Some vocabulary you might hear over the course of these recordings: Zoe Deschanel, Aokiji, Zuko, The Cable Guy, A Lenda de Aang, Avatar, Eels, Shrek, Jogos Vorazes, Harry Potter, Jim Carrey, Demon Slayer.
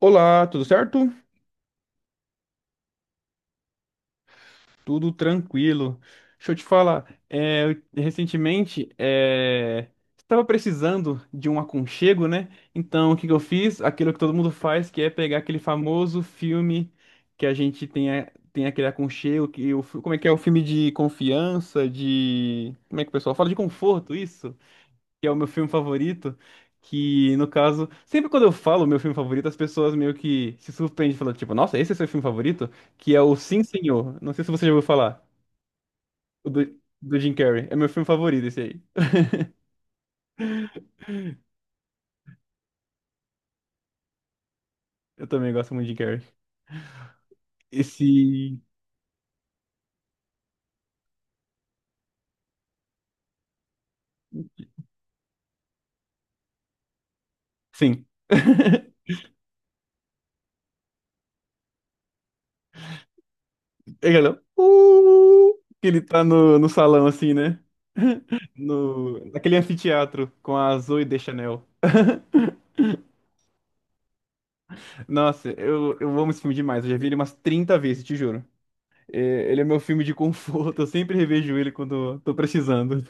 Olá, tudo certo? Tudo tranquilo. Deixa eu te falar, recentemente estava precisando de um aconchego, né? Então, o que que eu fiz? Aquilo que todo mundo faz, que é pegar aquele famoso filme que a gente tem, tem aquele aconchego, como é que é? O filme de confiança, Como é que o pessoal fala? De conforto, que é o meu filme favorito, que no caso, sempre quando eu falo meu filme favorito, as pessoas meio que se surpreendem falando, tipo, nossa, esse é seu filme favorito? Que é o Sim, Senhor. Não sei se você já ouviu falar. O do Jim Carrey. É meu filme favorito esse aí. Eu também gosto muito de Jim Carrey. Esse. Sim. É aquela, que ele tá no salão assim, né? No, Naquele anfiteatro com a Zoe Deschanel. Nossa, eu amo esse filme demais. Eu já vi ele umas 30 vezes, te juro. Ele é meu filme de conforto, eu sempre revejo ele quando tô precisando.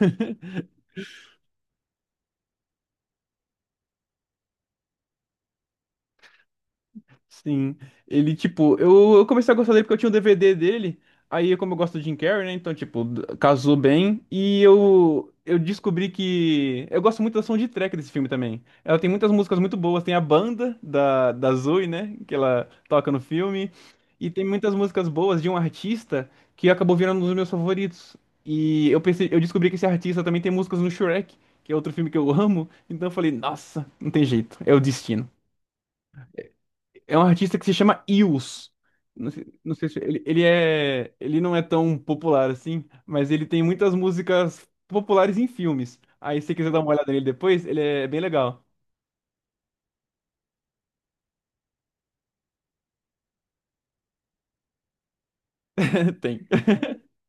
Sim, ele, tipo, eu comecei a gostar dele porque eu tinha um DVD dele, aí como eu gosto do Jim Carrey, né, então, tipo, casou bem, e eu descobri Eu gosto muito da soundtrack desse filme também. Ela tem muitas músicas muito boas, tem a banda da Zoe, né, que ela toca no filme, e tem muitas músicas boas de um artista que acabou virando um dos meus favoritos. E eu pensei, eu descobri que esse artista também tem músicas no Shrek, que é outro filme que eu amo, então eu falei, nossa, não tem jeito, é o destino. É um artista que se chama Eels. Não sei se ele não é tão popular assim, mas ele tem muitas músicas populares em filmes. Aí se você quiser dar uma olhada nele depois, ele é bem legal. Tem.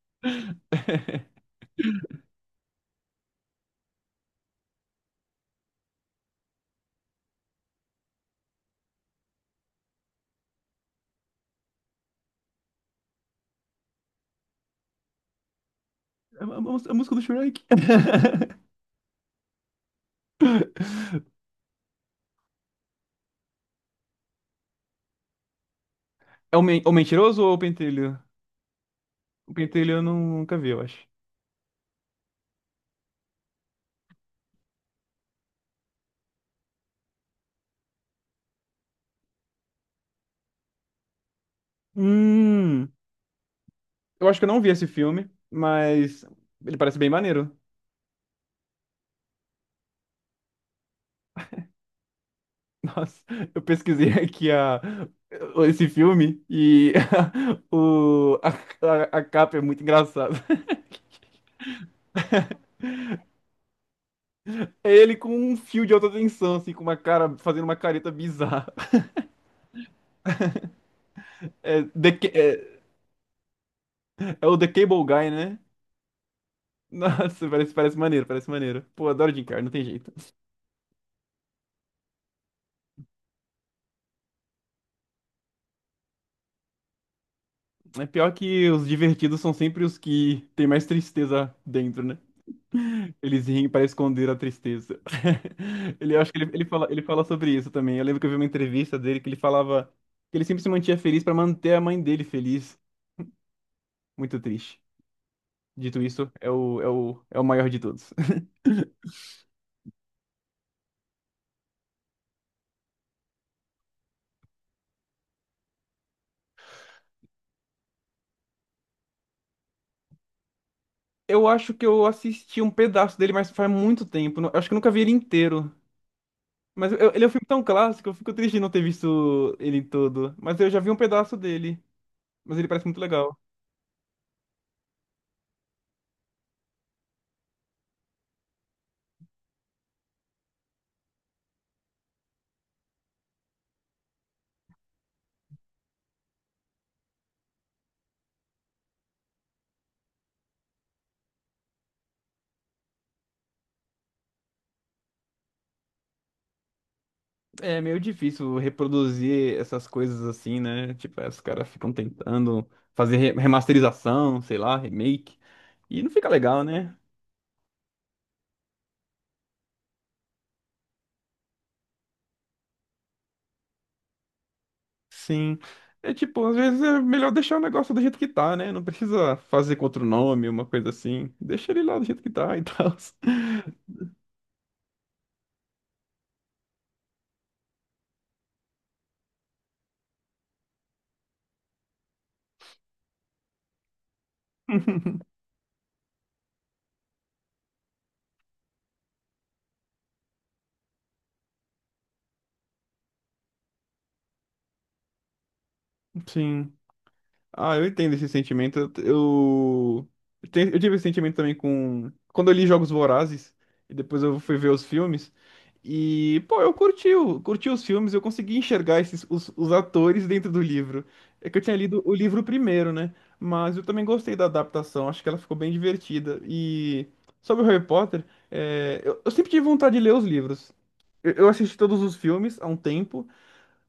A música do Shrek. O Mentiroso ou o Pentelho? O Pentelho eu nunca vi, eu acho. Hum, eu acho que eu não vi esse filme, mas ele parece bem maneiro. Nossa, eu pesquisei esse filme e o, a, a capa é muito engraçada. É ele com um fio de alta tensão, assim, com uma cara, fazendo uma careta bizarra. É, The Ca- é, é o The Cable Guy, né? Nossa, parece maneiro, parece maneiro. Pô, adoro Jim Carrey, não tem jeito. É pior que os divertidos são sempre os que tem mais tristeza dentro, né? Eles riem para esconder a tristeza. Eu acho que ele fala sobre isso também. Eu lembro que eu vi uma entrevista dele que ele falava que ele sempre se mantinha feliz para manter a mãe dele feliz. Muito triste. Dito isso, é o maior de todos. Eu acho que eu assisti um pedaço dele, mas faz muito tempo. Eu acho que eu nunca vi ele inteiro. Mas ele é um filme tão clássico, eu fico triste de não ter visto ele todo. Mas eu já vi um pedaço dele. Mas ele parece muito legal. É meio difícil reproduzir essas coisas assim, né? Tipo, aí os caras ficam tentando fazer remasterização, sei lá, remake. E não fica legal, né? Sim. É tipo, às vezes é melhor deixar o negócio do jeito que tá, né? Não precisa fazer com outro nome, uma coisa assim. Deixa ele lá do jeito que tá e tal. Sim. Ah, eu entendo esse sentimento. Eu tive esse sentimento também com. Quando eu li Jogos Vorazes, e depois eu fui ver os filmes. E, pô, eu curti, curti os filmes, eu consegui enxergar os atores dentro do livro. É que eu tinha lido o livro primeiro, né? Mas eu também gostei da adaptação, acho que ela ficou bem divertida. E sobre o Harry Potter, eu sempre tive vontade de ler os livros. Eu assisti todos os filmes há um tempo,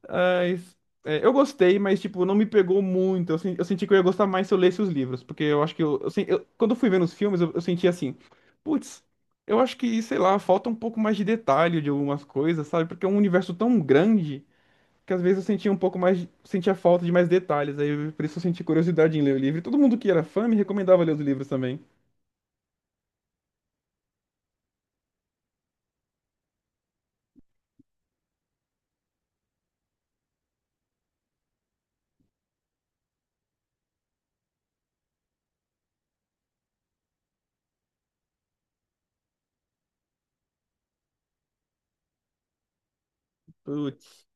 mas, eu gostei, mas, tipo, não me pegou muito. Eu senti que eu ia gostar mais se eu lesse os livros, porque eu acho que quando eu fui vendo os filmes, eu senti assim, putz, eu acho que, sei lá, falta um pouco mais de detalhe de algumas coisas, sabe? Porque é um universo tão grande que às vezes eu sentia um pouco mais, sentia falta de mais detalhes. Aí, por isso eu senti curiosidade em ler o livro. E todo mundo que era fã me recomendava ler os livros também. Putz,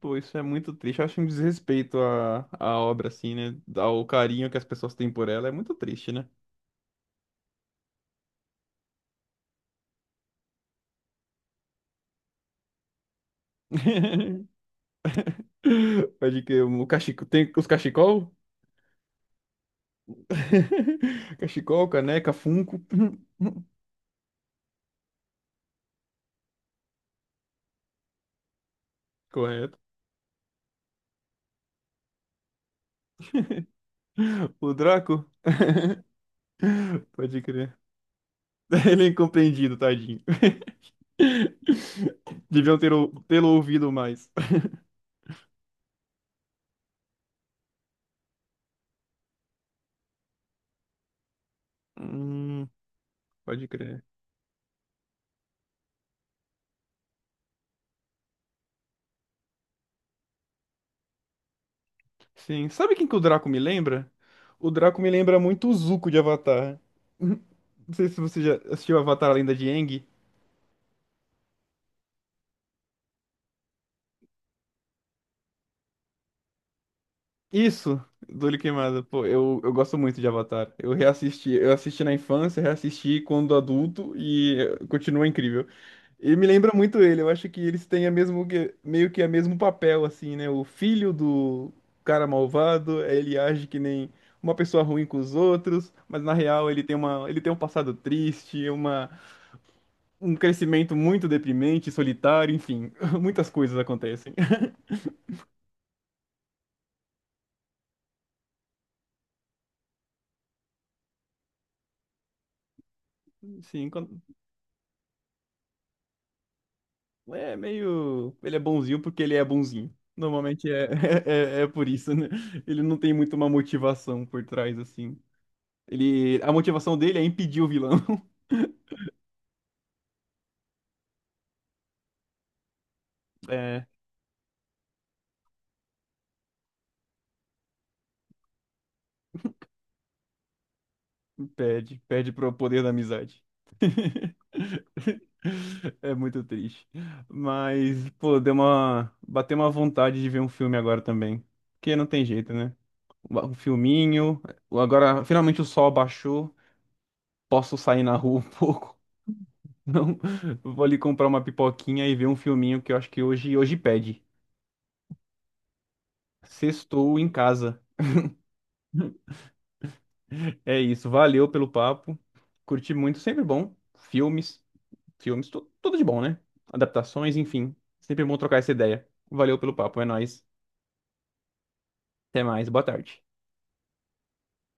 pô, isso é muito triste. Eu acho um desrespeito à obra, assim, né? Ao carinho que as pessoas têm por ela. É muito triste, né? Pode que o cachecol. Tem os cachecol? Cachecol, caneca, funko. Correto. O Draco? Pode crer. Ele é incompreendido, tadinho. Deviam ter tê-lo ouvido mais. Hum, Pode crer. Sim. Sabe quem que o Draco me lembra? O Draco me lembra muito o Zuko de Avatar. Não sei se você já assistiu Avatar, a Lenda de Aang. Isso, do Olho. Pô, eu gosto muito de Avatar. Eu reassisti, eu assisti na infância, reassisti quando adulto e continua incrível. E me lembra muito ele. Eu acho que eles têm meio que o mesmo papel, assim, né? O filho do cara malvado, ele age que nem uma pessoa ruim com os outros, mas na real ele tem ele tem um passado triste, um crescimento muito deprimente, solitário, enfim, muitas coisas acontecem. Sim, é meio. Ele é bonzinho porque ele é bonzinho. Normalmente é, é por isso, né? Ele não tem muito uma motivação por trás, assim. A motivação dele é impedir o vilão. É, perde. Perde pro poder da amizade. É muito triste. Mas, pô, deu uma. Bateu uma vontade de ver um filme agora também. Porque não tem jeito, né? Um filminho. Agora, finalmente o sol baixou. Posso sair na rua um pouco. Não, vou ali comprar uma pipoquinha e ver um filminho que eu acho que hoje pede. Sextou em casa. É isso, valeu pelo papo. Curti muito, sempre bom. Filmes, filmes, tudo de bom, né? Adaptações, enfim. Sempre bom trocar essa ideia. Valeu pelo papo, é nóis. Até mais, boa tarde.